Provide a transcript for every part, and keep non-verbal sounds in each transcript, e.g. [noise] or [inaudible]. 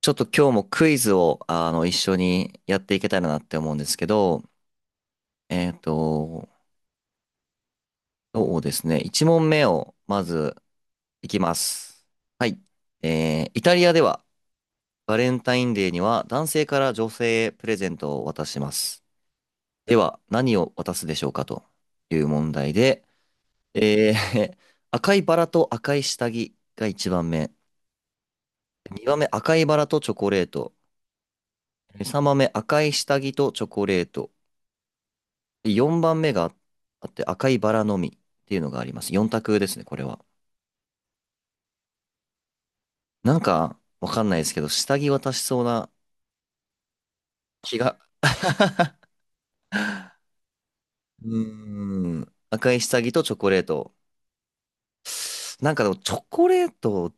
ちょっと今日もクイズを、一緒にやっていけたらなって思うんですけど、えっと、そうですね。1問目をまずいきます。はい。イタリアではバレンタインデーには男性から女性へプレゼントを渡します。では、何を渡すでしょうかという問題で、えー [laughs] 赤いバラと赤い下着が1番目。2番目、赤いバラとチョコレート。3番目、赤い下着とチョコレート。で、4番目があって、赤いバラの実っていうのがあります。4択ですね、これは。なんか、わかんないですけど、下着渡しそうな気が。うーん。赤い下着とチョコレート。なんかでも、チョコレートっ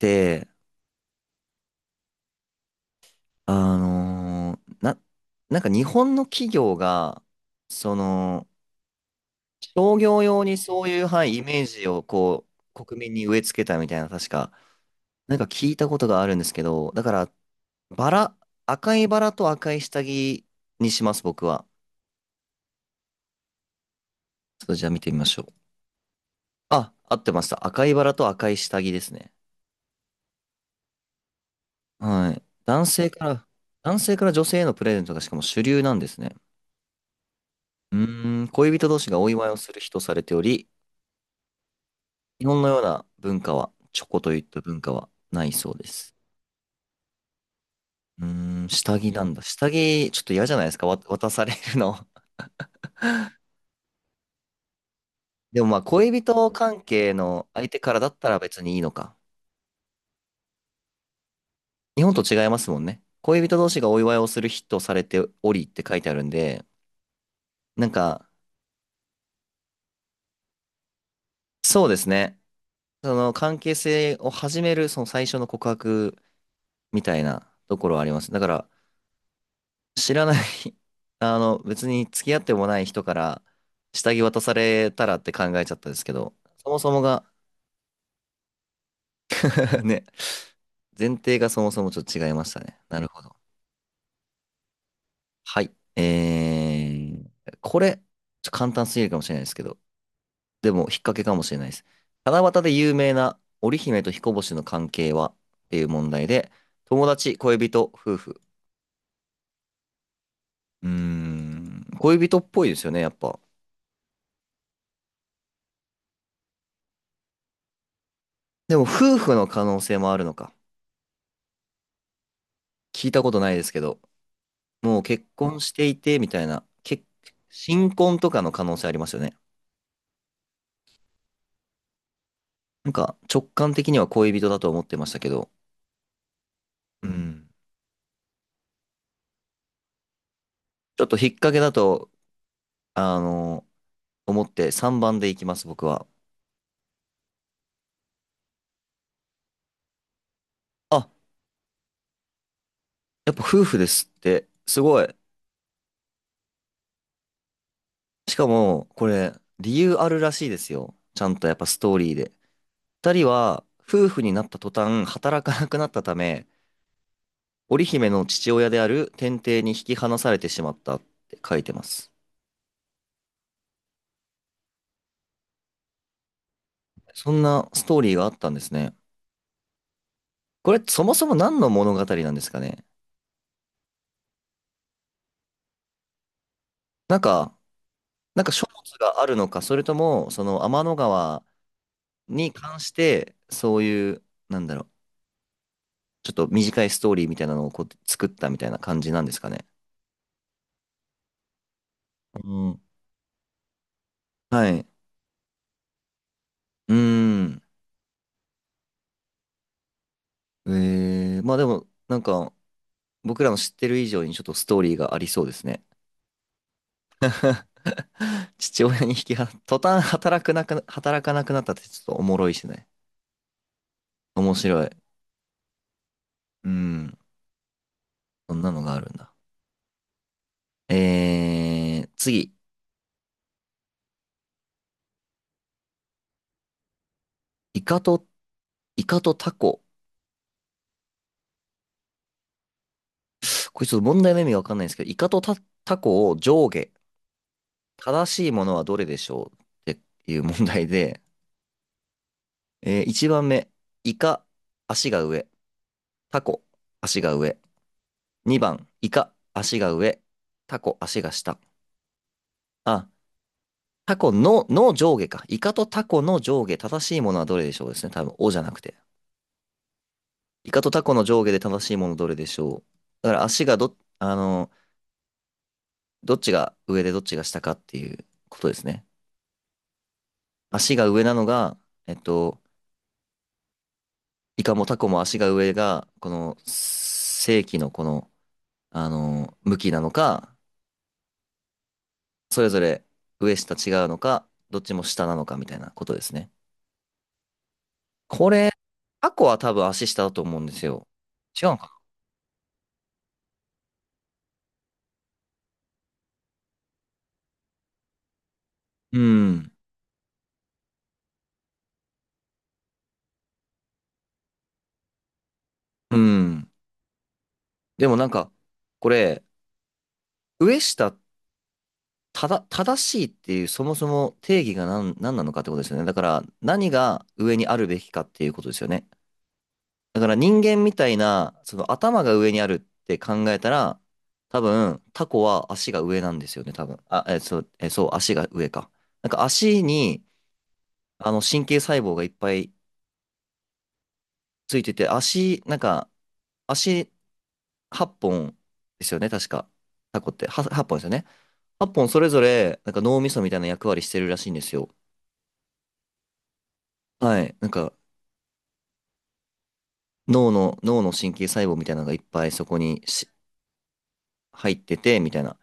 て、あのーな、なんか日本の企業が、その、商業用にそういう、はい、イメージをこう、国民に植え付けたみたいな、確か、なんか聞いたことがあるんですけど、だから、バラ、赤いバラと赤い下着にします、僕は。ちょっとじゃあ見てみましょう。あ、合ってました。赤いバラと赤い下着ですね。はい。男性から女性へのプレゼントがしかも主流なんですね。うーん、恋人同士がお祝いをする日とされており、日本のような文化は、チョコといった文化はないそうです。うーん、下着なんだ。下着、ちょっと嫌じゃないですか、わ渡されるの。[laughs] でもまあ、恋人関係の相手からだったら別にいいのか。日本と違いますもんね。恋人同士がお祝いをする日とされておりって書いてあるんで、なんか、そうですね。その関係性を始める、その最初の告白みたいなところはあります。だから、知らない [laughs] 別に付き合ってもない人から下着渡されたらって考えちゃったんですけど、そもそもが [laughs] ね、前提がそもそもちょっと違いましたね。なるほど。はい。これ、ちょっと簡単すぎるかもしれないですけど、でも引っ掛けかもしれないです。七夕で有名な織姫と彦星の関係はっていう問題で、友達、恋人、夫婦。うーん、恋人っぽいですよね、やっぱ。でも夫婦の可能性もあるのか。聞いたことないですけど、もう結婚していてみたいな、結新婚とかの可能性ありますよね。なんか直感的には恋人だと思ってましたけど、うん。ちょっと引っ掛けだと、あの思って3番でいきます、僕は。あ、やっぱ夫婦ですって、すごい。しかも、これ、理由あるらしいですよ。ちゃんとやっぱストーリーで。二人は、夫婦になった途端、働かなくなったため、織姫の父親である天帝に引き離されてしまったって書いてます。そんなストーリーがあったんですね。これ、そもそも何の物語なんですかね。なんか、なんか書物があるのか、それとも、その天の川に関して、そういう、なんだろう、ちょっと短いストーリーみたいなのをこう作ったみたいな感じなんですかね。うん。はい。うーん。まあでも、なんか、僕らの知ってる以上にちょっとストーリーがありそうですね。[gasps] [laughs] 父親に引きは、途端働くなく、働かなくなったってちょっとおもろいしね。面白い。うん。そんなのがあるんだ。次。イカと、イカとタコ。これちょっと問題の意味がわかんないんですけど、イカとタ、タコを上下。正しいものはどれでしょうっていう問題で、1番目。イカ、足が上。タコ、足が上。2番、イカ、足が上。タコ、足が下。あ、タコの、の上下か。イカとタコの上下、正しいものはどれでしょうですね。多分、おじゃなくて。イカとタコの上下で正しいものどれでしょう。だから足がど、どっちが上でどっちが下かっていうことですね。足が上なのが、えっと、イカもタコも足が上が、この正規のこの、向きなのか、それぞれ上下違うのか、どっちも下なのかみたいなことですね。これ、タコは多分足下だと思うんですよ。違うのかなうん。うん。でもなんか、これ、上下、ただ、正しいっていう、そもそも定義が何、何なのかってことですよね。だから、何が上にあるべきかっていうことですよね。だから人間みたいな、その頭が上にあるって考えたら、多分、タコは足が上なんですよね、多分。あ、え、そう、え、そう、足が上か。なんか足に、神経細胞がいっぱいついてて、足、なんか、足8本ですよね、確か。タコって。は8本ですよね。8本それぞれ、なんか脳みそみたいな役割してるらしいんですよ。はい。なんか、脳の神経細胞みたいなのがいっぱいそこにし入ってて、みたいな。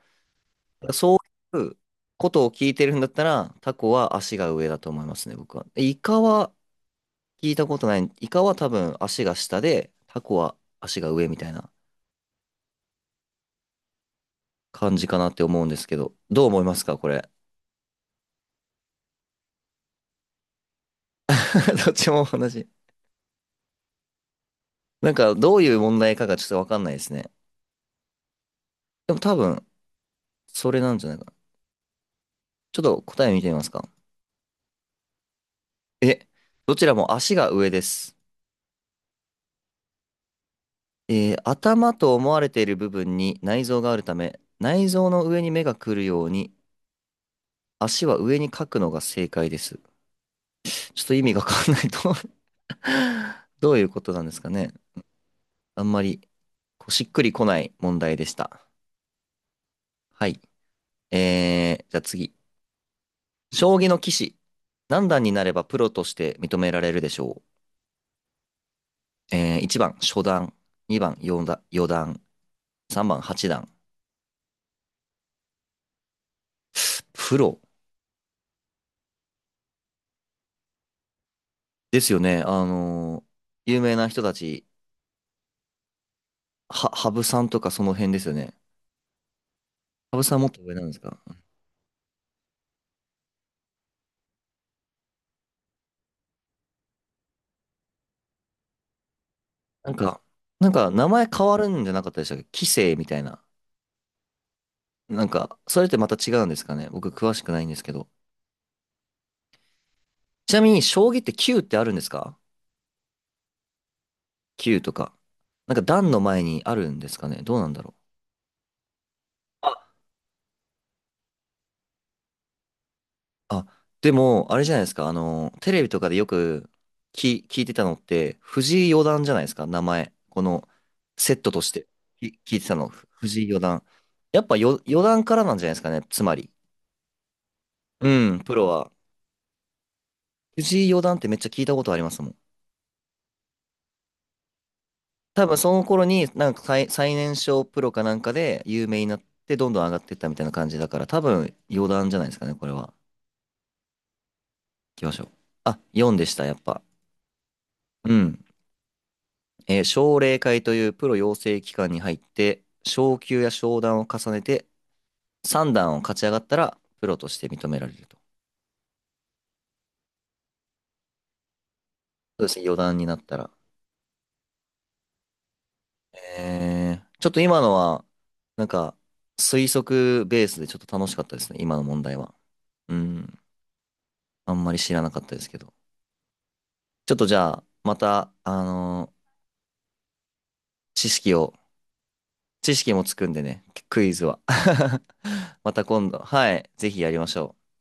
そういうことを聞いてるんだったら、タコは足が上だと思いますね、僕は。イカは聞いたことない。イカは多分足が下で、タコは足が上みたいな感じかなって思うんですけど、どう思いますか、これ。[laughs] どっちも同じ。なんか、どういう問題かがちょっとわかんないですね。でも多分、それなんじゃないかな。ちょっと答え見てみますか。え、どちらも足が上です。頭と思われている部分に内臓があるため、内臓の上に目が来るように、足は上に書くのが正解です。ちょっと意味がわかんないと [laughs] どういうことなんですかね。あんまり、こうしっくりこない問題でした。はい。じゃあ次。将棋の棋士。何段になればプロとして認められるでしょう。1番、初段。2番、四段、四段。3番8段。プロですよね。有名な人たち、は、羽生さんとかその辺ですよね。羽生さんもっと上なんですかなんか、なんか名前変わるんじゃなかったでしたっけ棋聖みたいな。なんか、それってまた違うんですかね。僕詳しくないんですけど。ちなみに、将棋って9ってあるんですか？ 9 とか。なんか段の前にあるんですかね。どうなんだろう。あ、あ、でも、あれじゃないですか。テレビとかでよく聞、聞いてたのって、藤井四段じゃないですか、名前。この、セットとして、き聞いてたの、ふ藤井四段。やっぱよ、四段からなんじゃないですかね、つまり。うん、プロは。藤井四段ってめっちゃ聞いたことありますもん。多分その頃に、なんか最、最年少プロかなんかで有名になって、どんどん上がっていったみたいな感じだから、多分四段じゃないですかね、これは。行きましょう。あ、4でした、やっぱ。うん。奨励会というプロ養成機関に入って、昇級や昇段を重ねて、3段を勝ち上がったら、プロとして認められると。そうですね、4段になったら。ちょっと今のは、なんか、推測ベースでちょっと楽しかったですね、今の問題は。うん、あんまり知らなかったですけど。ちょっとじゃあ、また、知識を、知識もつくんでね、クイズは。[laughs] また今度、はい、ぜひやりましょう。